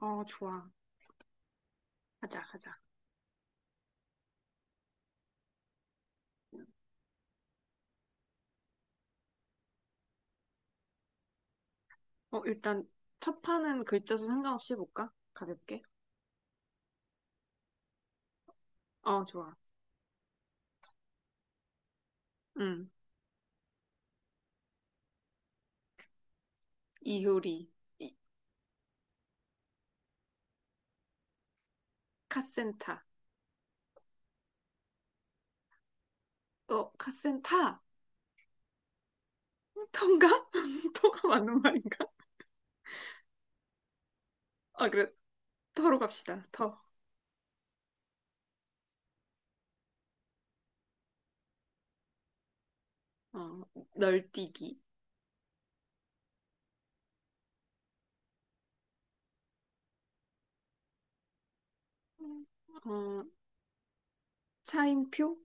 어, 좋아. 하자, 하자. 어, 일단 첫 판은 글자 수 상관없이 해볼까? 가볍게. 어, 좋아. 응. 이효리. 이, 카센타. 어, 카센타! 터인가? 터가 맞는 말인가? 아, 그래. 터로 갑시다. 터. 어, 널뛰기. 어, 차임표?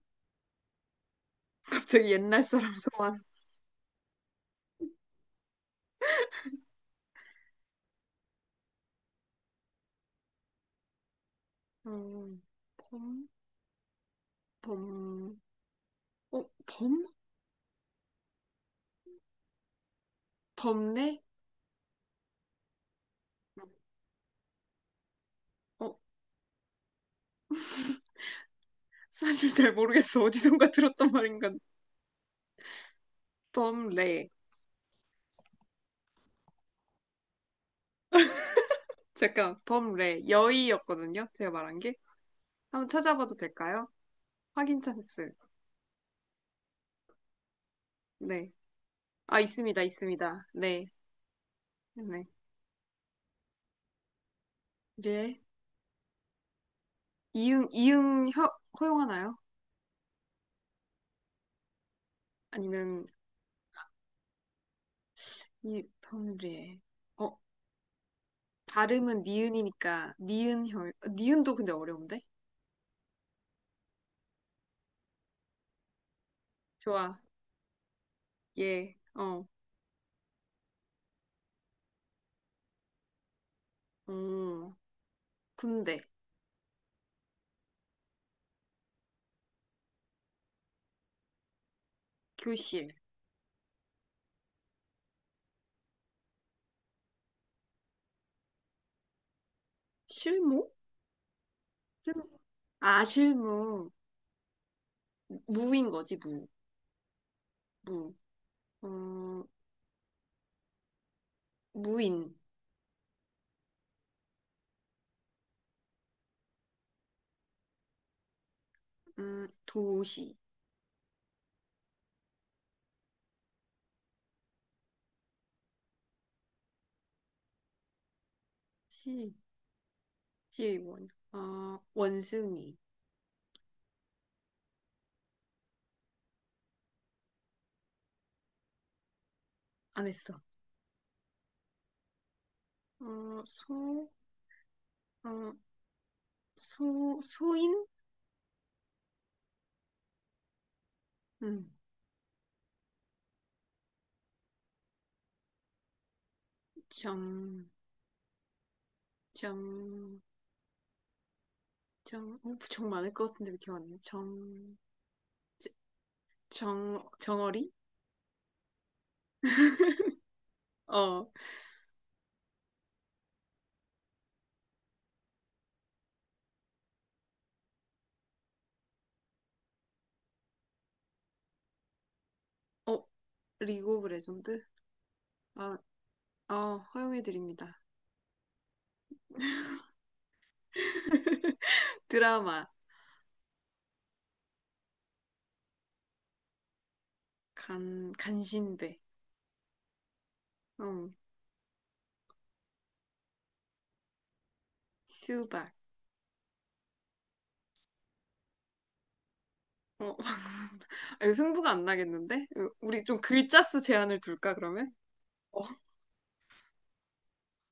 갑자기 옛날 사람 소환. 어, 범? 범? 어, 범? 범례? 어, 사실 잘 모르겠어. 어디선가 들었단 말인가. 범례. 잠깐, 범레, 여의였거든요. 제가 말한 게. 한번 찾아봐도 될까요? 확인 찬스. 네. 아, 있습니다, 있습니다. 네. 네. 예. 이응, 이응 허, 허용하나요? 아니면, 이, 범레. 어, 발음은 니은이니까, 니은 혀, 니은도 근데 어려운데? 좋아. 예. 어, 음, 군대, 교실, 실무? 실무? 아, 실무. 무인 거지, 무. 무. 어, 무인. 도시, 시, 시의 원, 어, 원숭이, 안 했어. 어, 소, 어, 소, 소인? 음, 정, 정, 정, 어, 정 많을 것 같은데 왜 기억 안 나? 정, 정, 정어리? 어, 어, 리그 오브 레전드? 아, 어, 허용해드립니다. 드라마, 간, 간신배, 응, 수박, 어, 아니, 승부가 안 나겠는데? 으, 우리 좀 글자 수 제한을 둘까, 그러면? 어,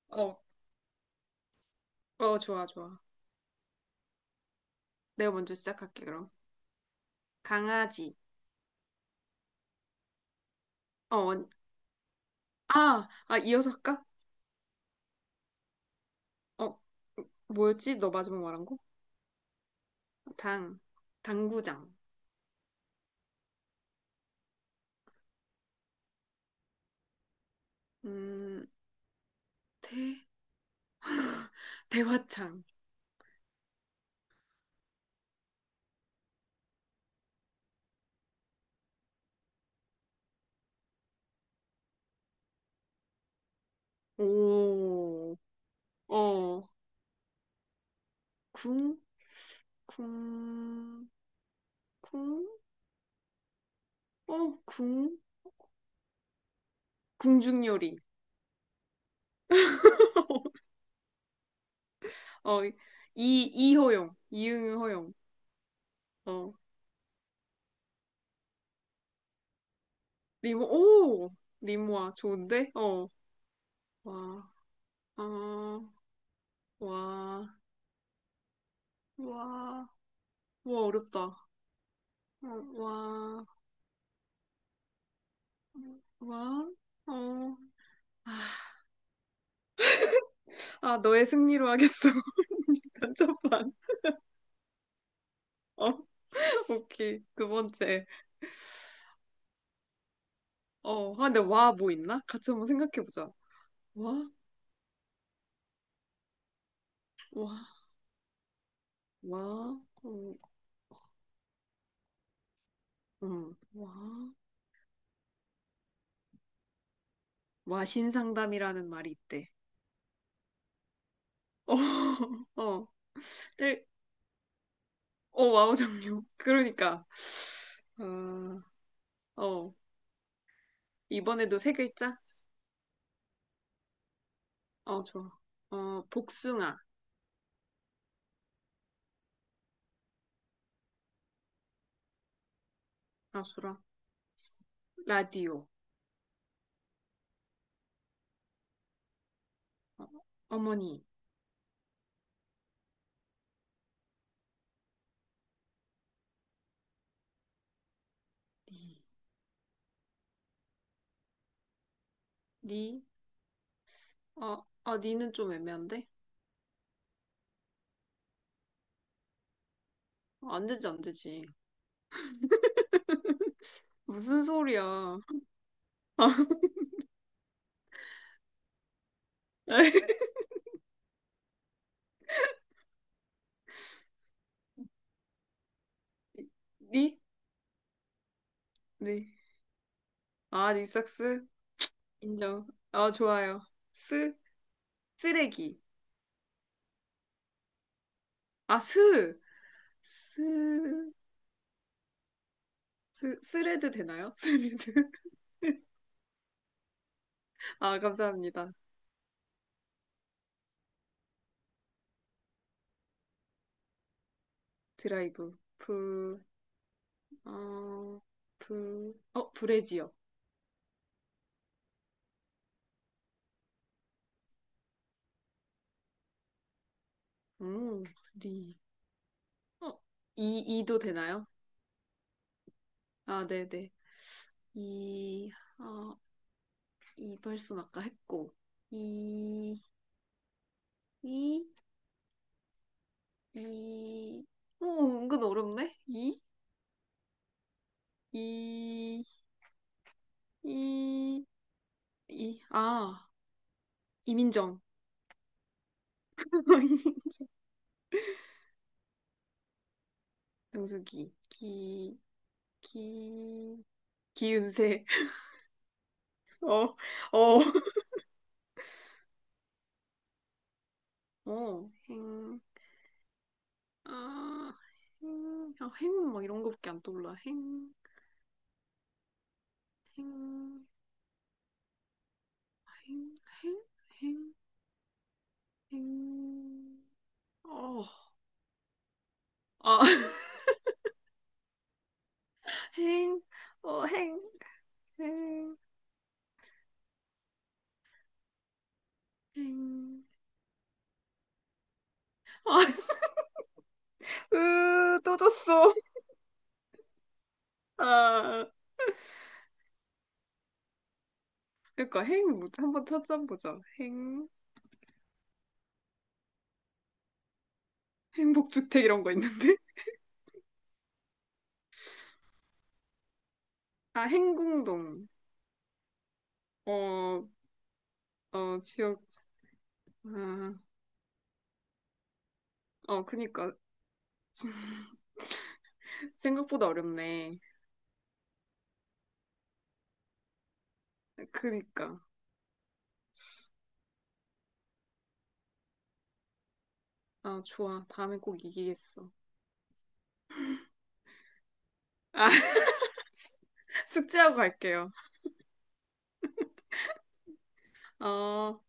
어, 어, 좋아, 좋아. 내가 먼저 시작할게, 그럼. 강아지. 어, 언- 아, 아, 이어서 할까? 어, 뭐였지? 너 마지막 말한 거? 당, 당구장. 음, 대, 대화창. 오, 어, 궁, 궁, 궁, 어, 궁, 궁중요리. 어, 이, 이응호용. 오! 리모아, 좋은데? 어. 와, 어, 와, 와, 와, 어렵다. 어, 와, 와, 어. 아, 너의 승리로 하겠어. 단체판. 어, 오케이. 두 번째. 어, 아, 근데 와, 뭐 있나? 같이 한번 생각해보자. 와, 와, 와, 와, 와신상담이라는 말이 있대. 어, 어. 어, 와우 정룡. 그러니까. 어, 어, 이번에도 세 글자? 어, 좋아. 어, 복숭아. 아, 수라. 라디오. 어, 어머니. 니, 니, 어, 아, 니는 좀 애매한데? 어, 안 되지, 안 되지. 무슨 소리야. 니? 네. 아, 니삭스? 인정. 아, 좋아요. 스? 쓰레기. 아, 스! 스, 스, 스레드 되나요? 스레드. 아, 감사합니다. 드라이브, 불, 어, 불, 어, 브래지요 음, 리, 어, 이, 이도 되나요? 아, 네네. 이, 어, 이발소는 아까 했고, 이, 이, 이, 오, 은근 어렵네? 이, 이, 이, 이, 아, 이민정. 이민정. 영숙이, 기, 기, 기은세. 어, 어, 어, 행, 아, 행, 아, 행운 막 이런 거밖에 안 떠올라. 행, 행, 행, 행, 행, 행. 어, 아, 행, 어, 행, 행, 행. 아, 으, 또 줬어. 아, 그러니까 행, 뭐, 한번 찾아보자. 행, 행복주택 이런 거 있는데? 아, 행궁동. 어, 어, 지역, 아, 어, 그니까. 생각보다 어렵네. 그니까. 아, 좋아. 다음에 꼭 이기겠어. 아, 숙제하고 갈게요. 어.